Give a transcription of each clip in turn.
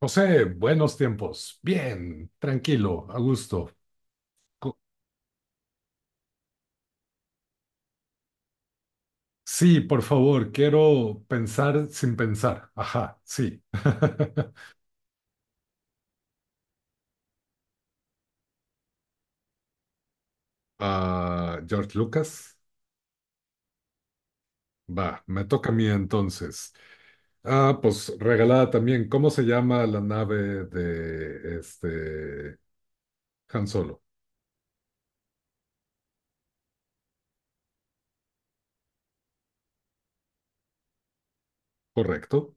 José, buenos tiempos. Bien, tranquilo, a gusto. Co- Sí, por favor, quiero pensar sin pensar. Ajá, sí. George Lucas. Va, me toca a mí entonces. Ah, pues regalada también. ¿Cómo se llama la nave de Han Solo? Correcto.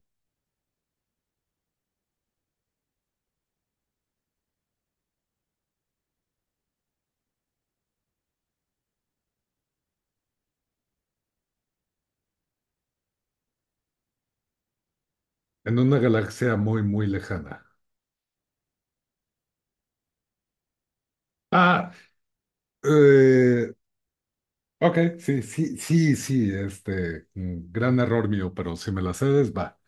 En una galaxia muy, muy lejana. Ah, eh, ok, sí, sí, sí, sí, gran error mío, pero si me la cedes, va.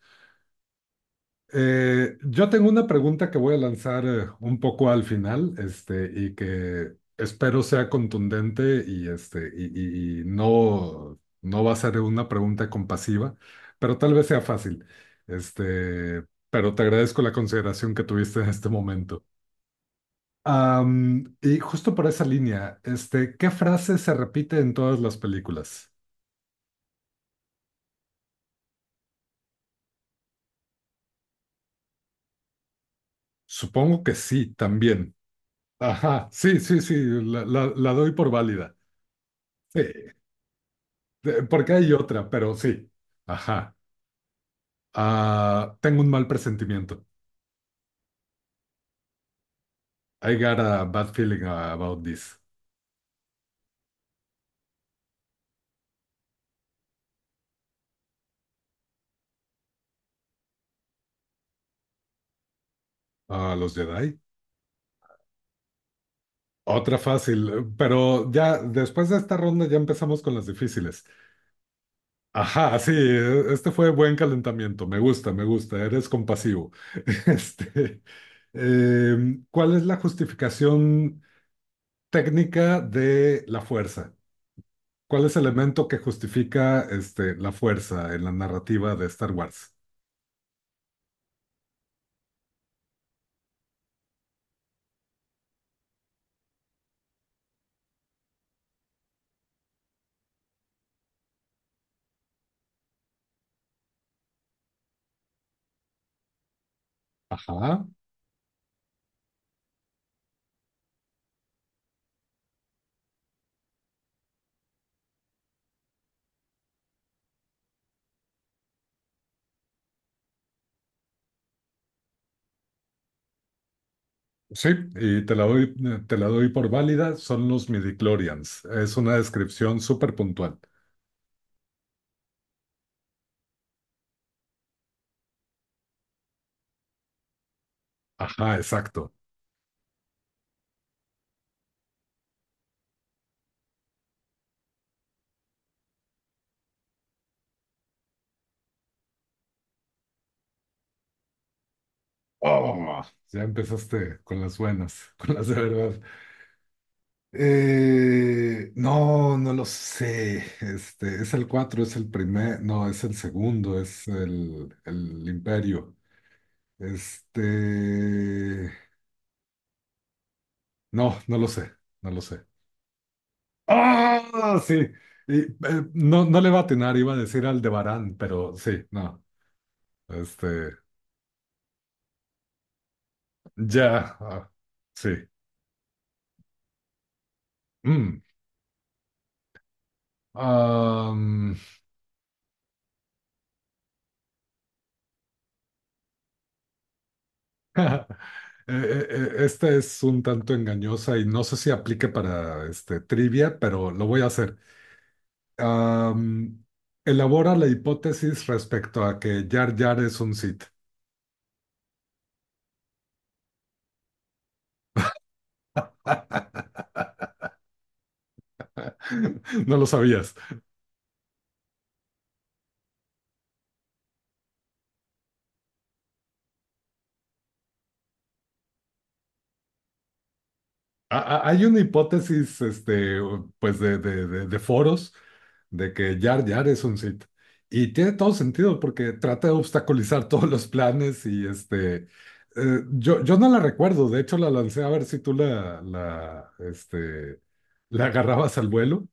Yo tengo una pregunta que voy a lanzar un poco al final, y que espero sea contundente y, no, no va a ser una pregunta compasiva, pero tal vez sea fácil. Este, pero te agradezco la consideración que tuviste en este momento. Y justo por esa línea, ¿qué frase se repite en todas las películas? Supongo que sí, también. Ajá, sí, sí, sí, la doy por válida. Sí. Porque hay otra, pero sí. Ajá. Ah, tengo un mal presentimiento. I got a bad feeling about this. Ah, los Jedi. Otra fácil, pero ya después de esta ronda ya empezamos con las difíciles. Ajá, sí, este fue buen calentamiento. Me gusta, me gusta. Eres compasivo. Este, ¿cuál es la justificación técnica de la fuerza? ¿Cuál es el elemento que justifica la fuerza en la narrativa de Star Wars? Ajá. Sí, y te la doy, te la doy por válida, son los midichlorians. Es una descripción súper puntual. Ajá, exacto. Oh, ya empezaste con las buenas, con las de verdad. No, no lo sé. Es el 4, no, es el segundo, es el imperio. Este, no, no lo sé, no lo sé. Ah, sí. Y, eh, no, no le va a atinar, iba a decir Aldebarán, pero sí, no. Este, ya, ah, sí. Mm. Am, eh, esta es un tanto engañosa y no sé si aplique para trivia, pero lo voy a hacer. Am, Elabora la hipótesis respecto a que Jar Jar es un Sith. No lo sabías. Hay una hipótesis, pues de foros, de que Jar Jar es un Sith. Y tiene todo sentido porque trata de obstaculizar todos los planes y yo, yo no la recuerdo. De hecho la lancé a ver si tú la agarrabas al vuelo.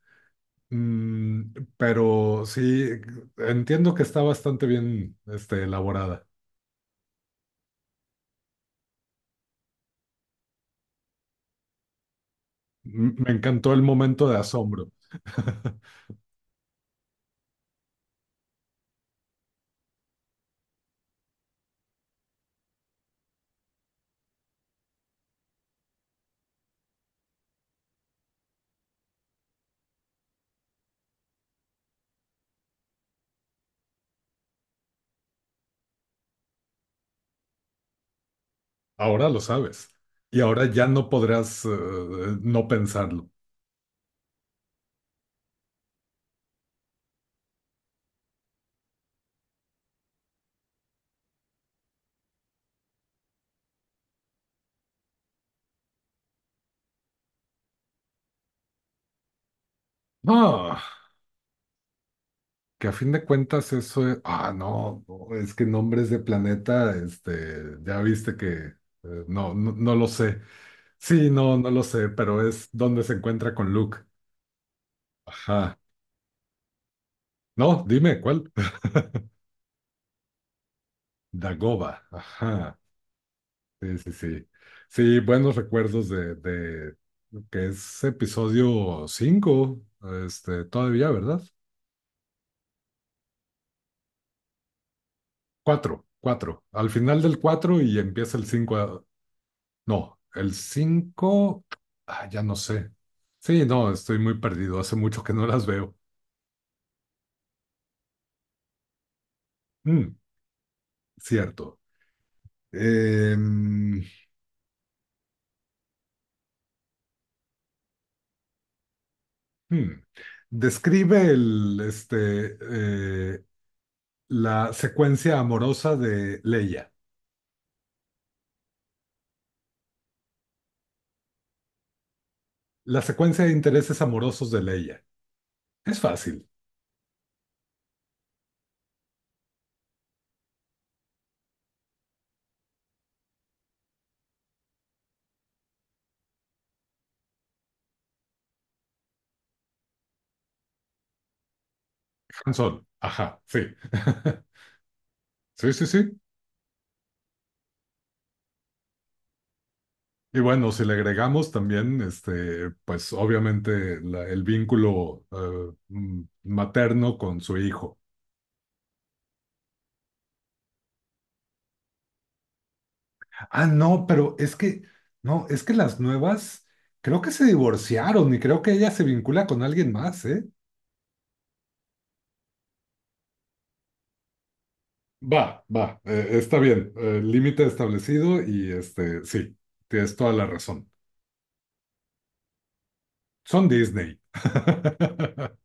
Mm, pero sí, entiendo que está bastante bien, elaborada. Me encantó el momento de asombro. Ahora lo sabes. Y ahora ya no podrás no pensarlo. Ah, que a fin de cuentas eso es... Ah, no, no, es que nombres de planeta, ya viste que... no, no, no lo sé. Sí, no, no lo sé, pero es donde se encuentra con Luke. Ajá. No, dime, ¿cuál? Dagoba. Ajá. Sí, sí, sí. Sí, buenos recuerdos de que es episodio 5 todavía, ¿verdad? Cuatro, cuatro. Al final del cuatro y empieza el cinco. No, el cinco. Ah, ya no sé. Sí, no, estoy muy perdido. Hace mucho que no las veo. Mm, cierto. Em, hmm. Describe el, eh, la secuencia amorosa de Leia. La secuencia de intereses amorosos de Leia. Es fácil. Han Solo. Ajá, sí. Sí, sí, sí. Y bueno, si le agregamos también, pues obviamente el vínculo materno con su hijo. Ah, no, es que las nuevas creo que se divorciaron y creo que ella se vincula con alguien más, ¿eh? Está bien, límite establecido y sí, tienes toda la razón. Son Disney.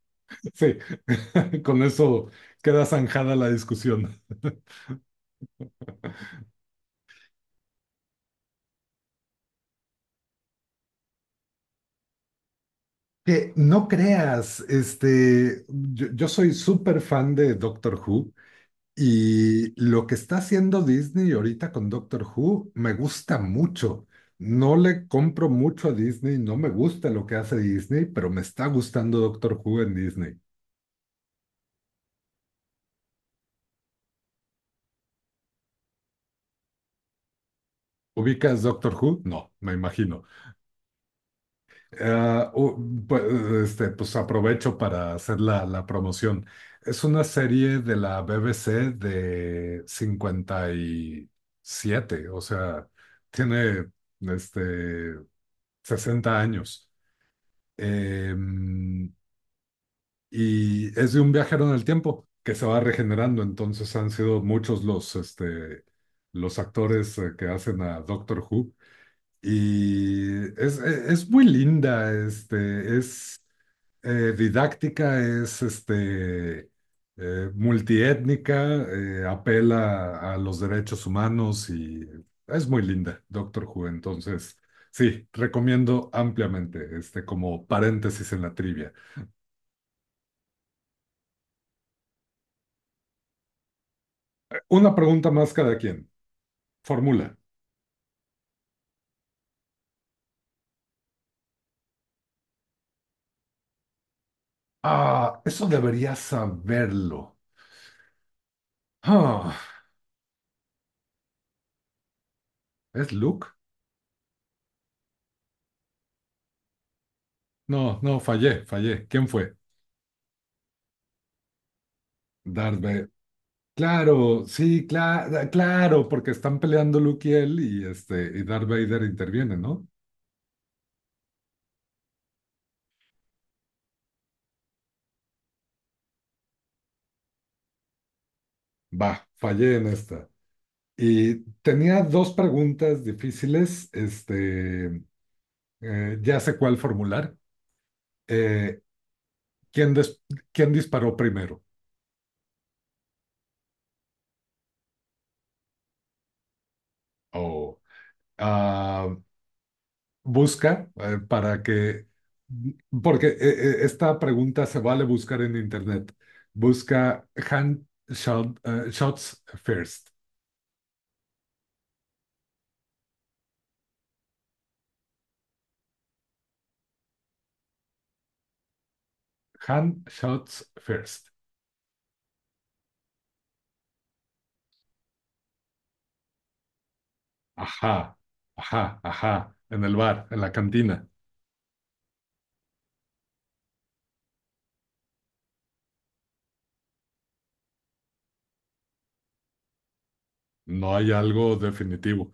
Sí, con eso queda zanjada la discusión. Que no creas, yo, yo soy súper fan de Doctor Who y lo que está haciendo Disney ahorita con Doctor Who me gusta mucho. No le compro mucho a Disney, no me gusta lo que hace Disney, pero me está gustando Doctor Who en Disney. ¿Ubicas Doctor Who? No, me imagino. Ah, u- pues, pues aprovecho para hacer la promoción. Es una serie de la BBC de 57, o sea, tiene este, 60 años. Em, y es de un viajero en el tiempo que se va regenerando. Entonces han sido muchos los actores que hacen a Doctor Who. Y es muy linda, es didáctica, es multiétnica, apela a los derechos humanos y es muy linda, Doctor Who. Entonces, sí, recomiendo ampliamente, como paréntesis en la trivia. Una pregunta más cada quien. Formula. Ah, eso debería saberlo. Ah, ¿es Luke? No, no, fallé, fallé. ¿Quién fue? Darth Vader. Claro, sí, claro, claro, porque están peleando Luke y él y Darth Vader interviene, ¿no? Va, fallé en esta. Y tenía dos preguntas difíciles, ya sé cuál formular. Eh, ¿quién, des- ¿Quién disparó primero? O ah, Busca para que, porque esta pregunta se vale buscar en internet. Busca shots first. Hand shots first. Ajá, ajá, ajá. En el bar, en la cantina. No hay algo definitivo.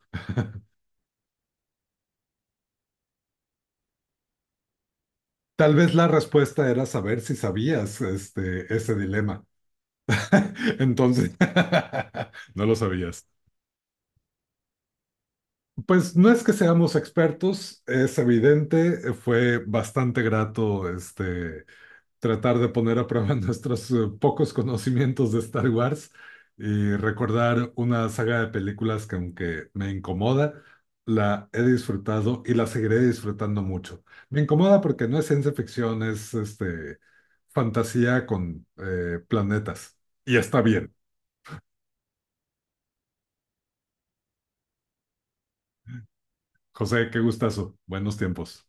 Tal vez la respuesta era saber si sabías ese dilema. Entonces, no lo sabías. Pues no es que seamos expertos, es evidente. Fue bastante grato tratar de poner a prueba nuestros pocos conocimientos de Star Wars y recordar una saga de películas que aunque me incomoda, la he disfrutado y la seguiré disfrutando mucho. Me incomoda porque no es ciencia ficción, es fantasía con planetas. Y está bien. José, qué gustazo. Buenos tiempos.